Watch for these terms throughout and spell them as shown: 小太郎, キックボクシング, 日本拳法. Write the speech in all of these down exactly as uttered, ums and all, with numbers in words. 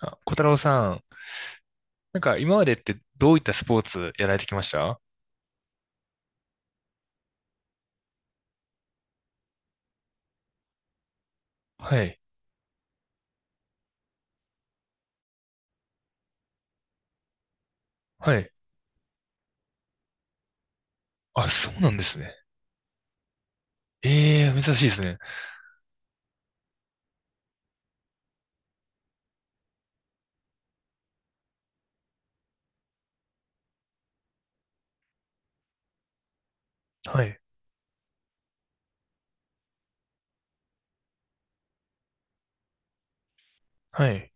あ、小太郎さん、なんか今までってどういったスポーツやられてきました？はい、はい。あ、そうなんですね。ええ、珍しいですね。はい、はい。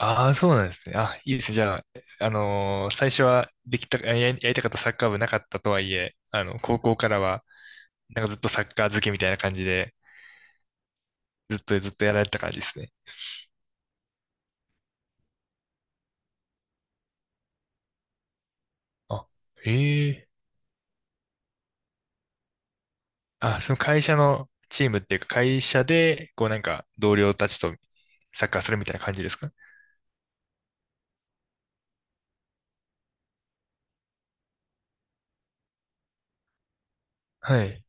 ああ、そうなんですね。あ、いいですね。じゃあ、あのー最初はできた、や、やりたかったサッカー部なかったとはいえ、あの、高校からは、なんかずっとサッカー漬けみたいな感じで、ずっとずっとやられてた感じですね。あ、ええ、あ、その会社のチームっていうか、会社で、こうなんか同僚たちとサッカーするみたいな感じですか？はい。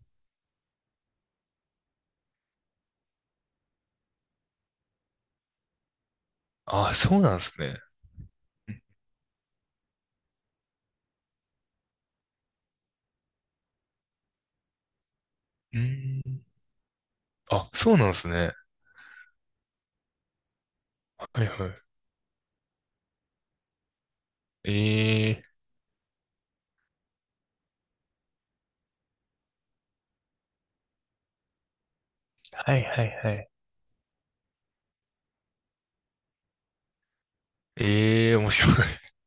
あ、そうなんですね。うん。あ、そうなんですね。はいはい。ええ、はいはいはい。ええ、面白い。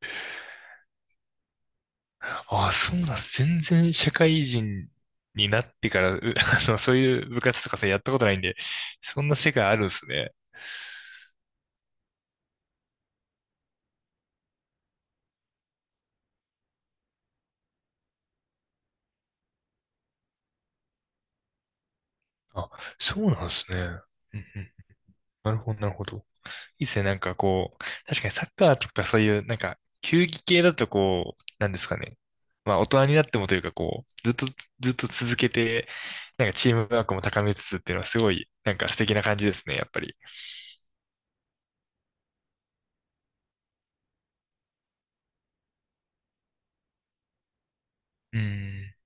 あ、そうなんです。全然社会人になってから、う あの、そういう部活とかさ、やったことないんで、そんな世界あるんですね。あ、そうなんですね。うんうん。なるほど、なるほど。いいっすね。なんかこう、確かにサッカーとかそういう、なんか、球技系だとこう、なんですかね。まあ、大人になってもというかこう、ずっと、ずっと続けて、なんかチームワークも高めつつっていうのはすごい、なんか素敵な感じですね、やっぱり。うーん、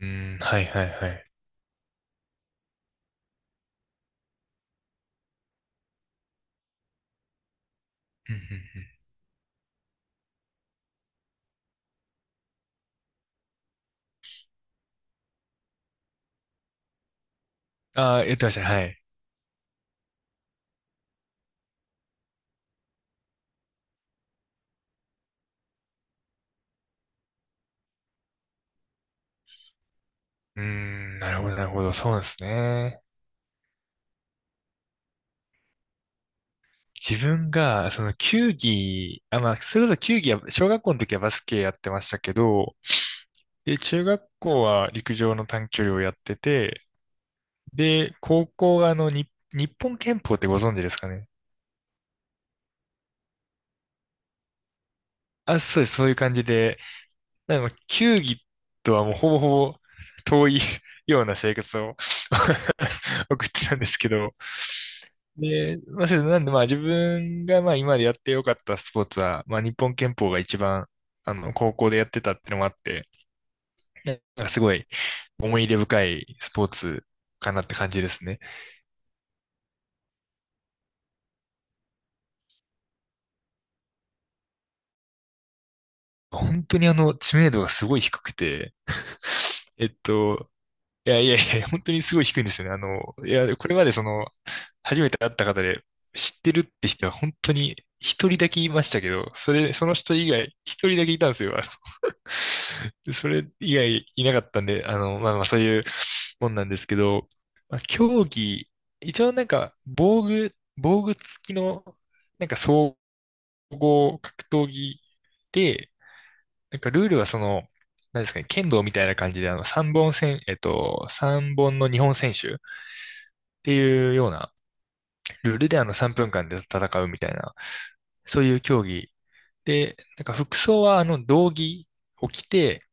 うーん、はいはいはい。うんうんうん、ああ、言ってましたね、はい。うーん、なるほど、なるほど、そうなんですね。自分が、その球技、あ、まあ、それこそ球技は、小学校の時はバスケやってましたけど、で、中学校は陸上の短距離をやってて、で、高校があの、に日本拳法ってご存知ですかね？あ、そうです、そういう感じで、なので、球技とはもうほぼほぼ遠い ような生活を 送ってたんですけど、で、まあ、そうですなんで、まあ、自分が、まあ、今までやってよかったスポーツは、まあ、日本拳法が一番、あの、高校でやってたってのもあって、なんかすごい思い入れ深いスポーツかなって感じですね。本当にあの、知名度がすごい低くて、えっと、いやいやいや、本当にすごい低いんですよね。あの、いや、これまでその、初めて会った方で知ってるって人は本当に一人だけいましたけど、それ、その人以外、一人だけいたんですよ。あのそれ以外いなかったんで、あの、まあまあそういうもんなんですけど、まあ、競技、一応なんか防具、防具付きの、なんか総合格闘技で、なんかルールはその、何ですかね、剣道みたいな感じで、あの、さんぼん戦、えっと、三本の日本選手っていうようなルールで、あの、さんぷんかんで戦うみたいな、そういう競技。で、なんか服装は、あの、道着を着て、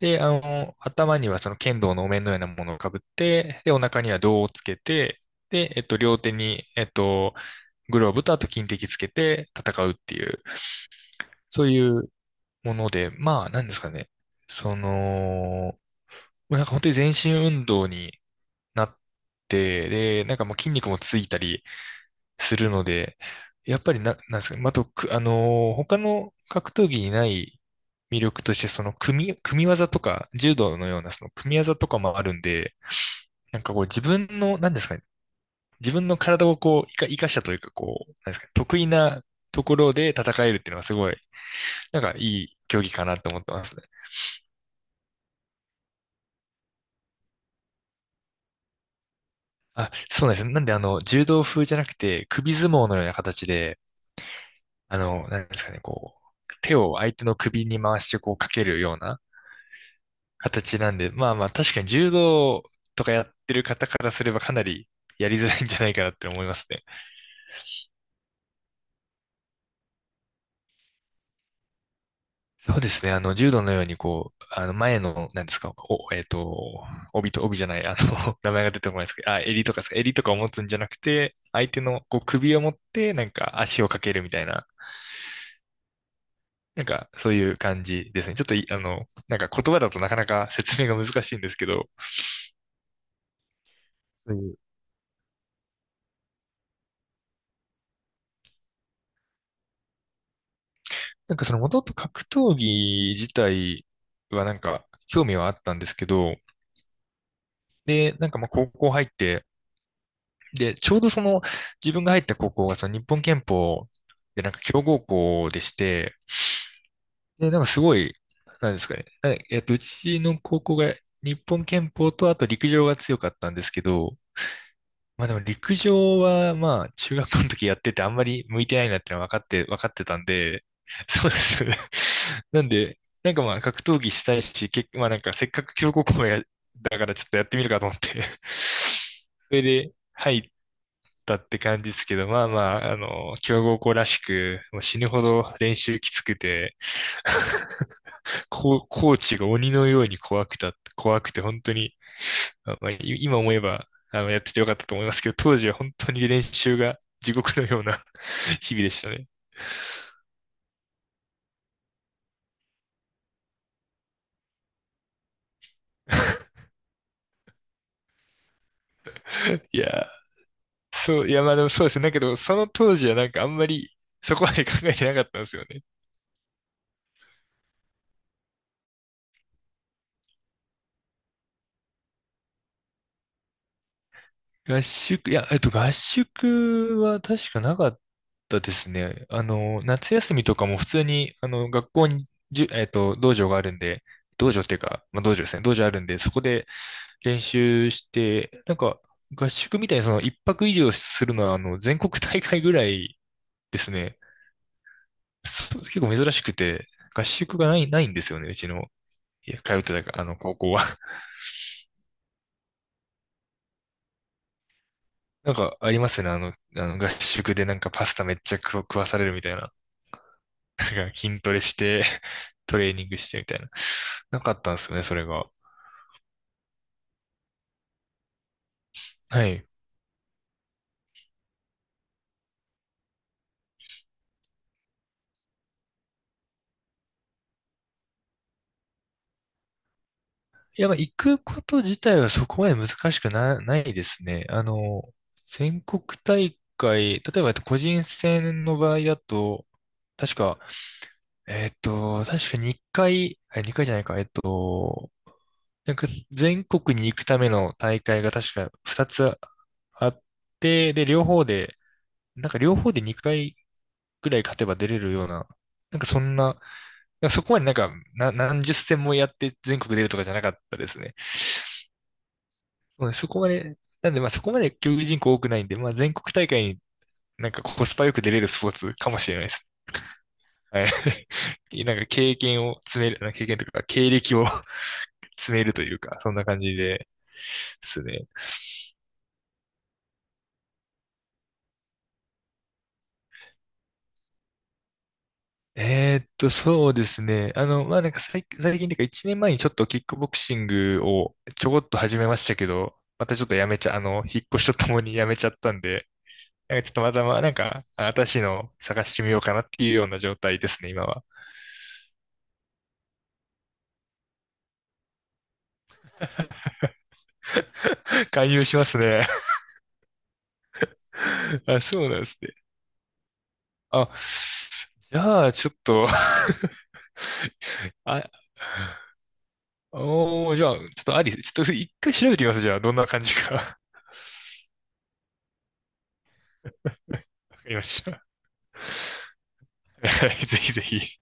で、あの、頭にはその剣道のお面のようなものをかぶって、で、お腹には胴をつけて、で、えっと、両手に、えっと、グローブとあと金敵つけて戦うっていう、そういうもので、まあ、なんですかね。その、もうなんか本当に全身運動になって、で、なんかもう筋肉もついたりするので、やっぱりな、なんですかね、まああと、く、あのー他の格闘技にない魅力として、その組、組み技とか、柔道のようなその組み技とかもあるんで、なんかこう自分の、なんですかね、自分の体をこう、生か、生かしたというか、こう、なんですかね、得意なところで戦えるっていうのはすごい、なんかいい競技かなと思ってますね。あ、そうなんですね。なんであの、柔道風じゃなくて、首相撲のような形で、あの、なんですかね、こう、手を相手の首に回してこうかけるような形なんで、まあまあ確かに柔道とかやってる方からすればかなりやりづらいんじゃないかなって思いますね。そうですね、あの、柔道のようにこう、あの、前の、なんですか、お、えっと、帯と帯じゃない、あの、名前が出てこないですけど、あ、襟とかですか、襟とかを持つんじゃなくて、相手のこう首を持って、なんか足をかけるみたいな、なんかそういう感じですね。ちょっとい、あの、なんか言葉だとなかなか説明が難しいんですけど、なんかその元々格闘技自体はなんか興味はあったんですけど、で、なんかまあ高校入って、で、ちょうどその自分が入った高校がその日本拳法でなんか強豪校でして、で、なんかすごい、なんですかね、なえっと、うちの高校が日本拳法とあと陸上が強かったんですけど、まあでも陸上はまあ中学校の時やっててあんまり向いてないなってのは分かって、分かってたんで、そうです。なんで、なんかまあ格闘技したいし、結まあなんかせっかく強豪校や、だからちょっとやってみるかと思って、それで入ったって感じですけど、まあまあ、あの、強豪校らしく、もう死ぬほど練習きつくて、コー、コーチが鬼のように怖くた、怖くて本当に、あまあ、い今思えば、あの、やっててよかったと思いますけど、当時は本当に練習が地獄のような 日々でしたね。いやー、そう、いや、まあでもそうですね。だけど、その当時はなんかあんまりそこまで考えてなかったんですよね。合宿、いや、えっと、合宿は確かなかったですね。あの、夏休みとかも普通に、あの、学校に、じゅ、えっと、道場があるんで、道場っていうか、まあ、道場ですね。道場あるんで、そこで、練習して、なんか合宿みたいにその一泊以上するのはあの全国大会ぐらいですね。そう結構珍しくて、合宿がない、ないんですよね、うちの、いや通ってたあの高校は。なんかありますよね、あの、あの合宿でなんかパスタめっちゃ食わ食わされるみたいな。なんか筋トレして、トレーニングしてみたいな。なかったんですよね、それが。はい。いや、まあ行くこと自体はそこまで難しくな、ないですね。あの、全国大会、例えば個人戦の場合だと、確か、えっと、確かにかい、あ回じゃないか、えっと、なんか全国に行くための大会が確かふたつあって、で、両方で、なんか両方でにかいぐらい勝てば出れるような、なんかそんな、なんかそこまでなんか、な、何十戦もやって全国出るとかじゃなかったですね。そうねそこまで、なんでまあそこまで競技人口多くないんで、まあ全国大会になんかコスパよく出れるスポーツかもしれないです。はい。なんか経験を詰める、なんか経験というか経歴を 詰めるというか、そんな感じでですね。えーっと、そうですね。あの、まあなんか最、最近というかいちねんまえにちょっとキックボクシングをちょこっと始めましたけど、またちょっとやめちゃ、あの、引っ越しとともに やめちゃったんで、なんかちょっとまたまあなんか新しいのを探してみようかなっていうような状態ですね、今は。勧誘しますね。あ、そうなんですね。あ、じゃあ、ちょっと あ、おー、じゃあ、ちょっとあり、ちょっと一回調べてみます。じゃあ、どんな感じか。わかりました。ぜひぜひ。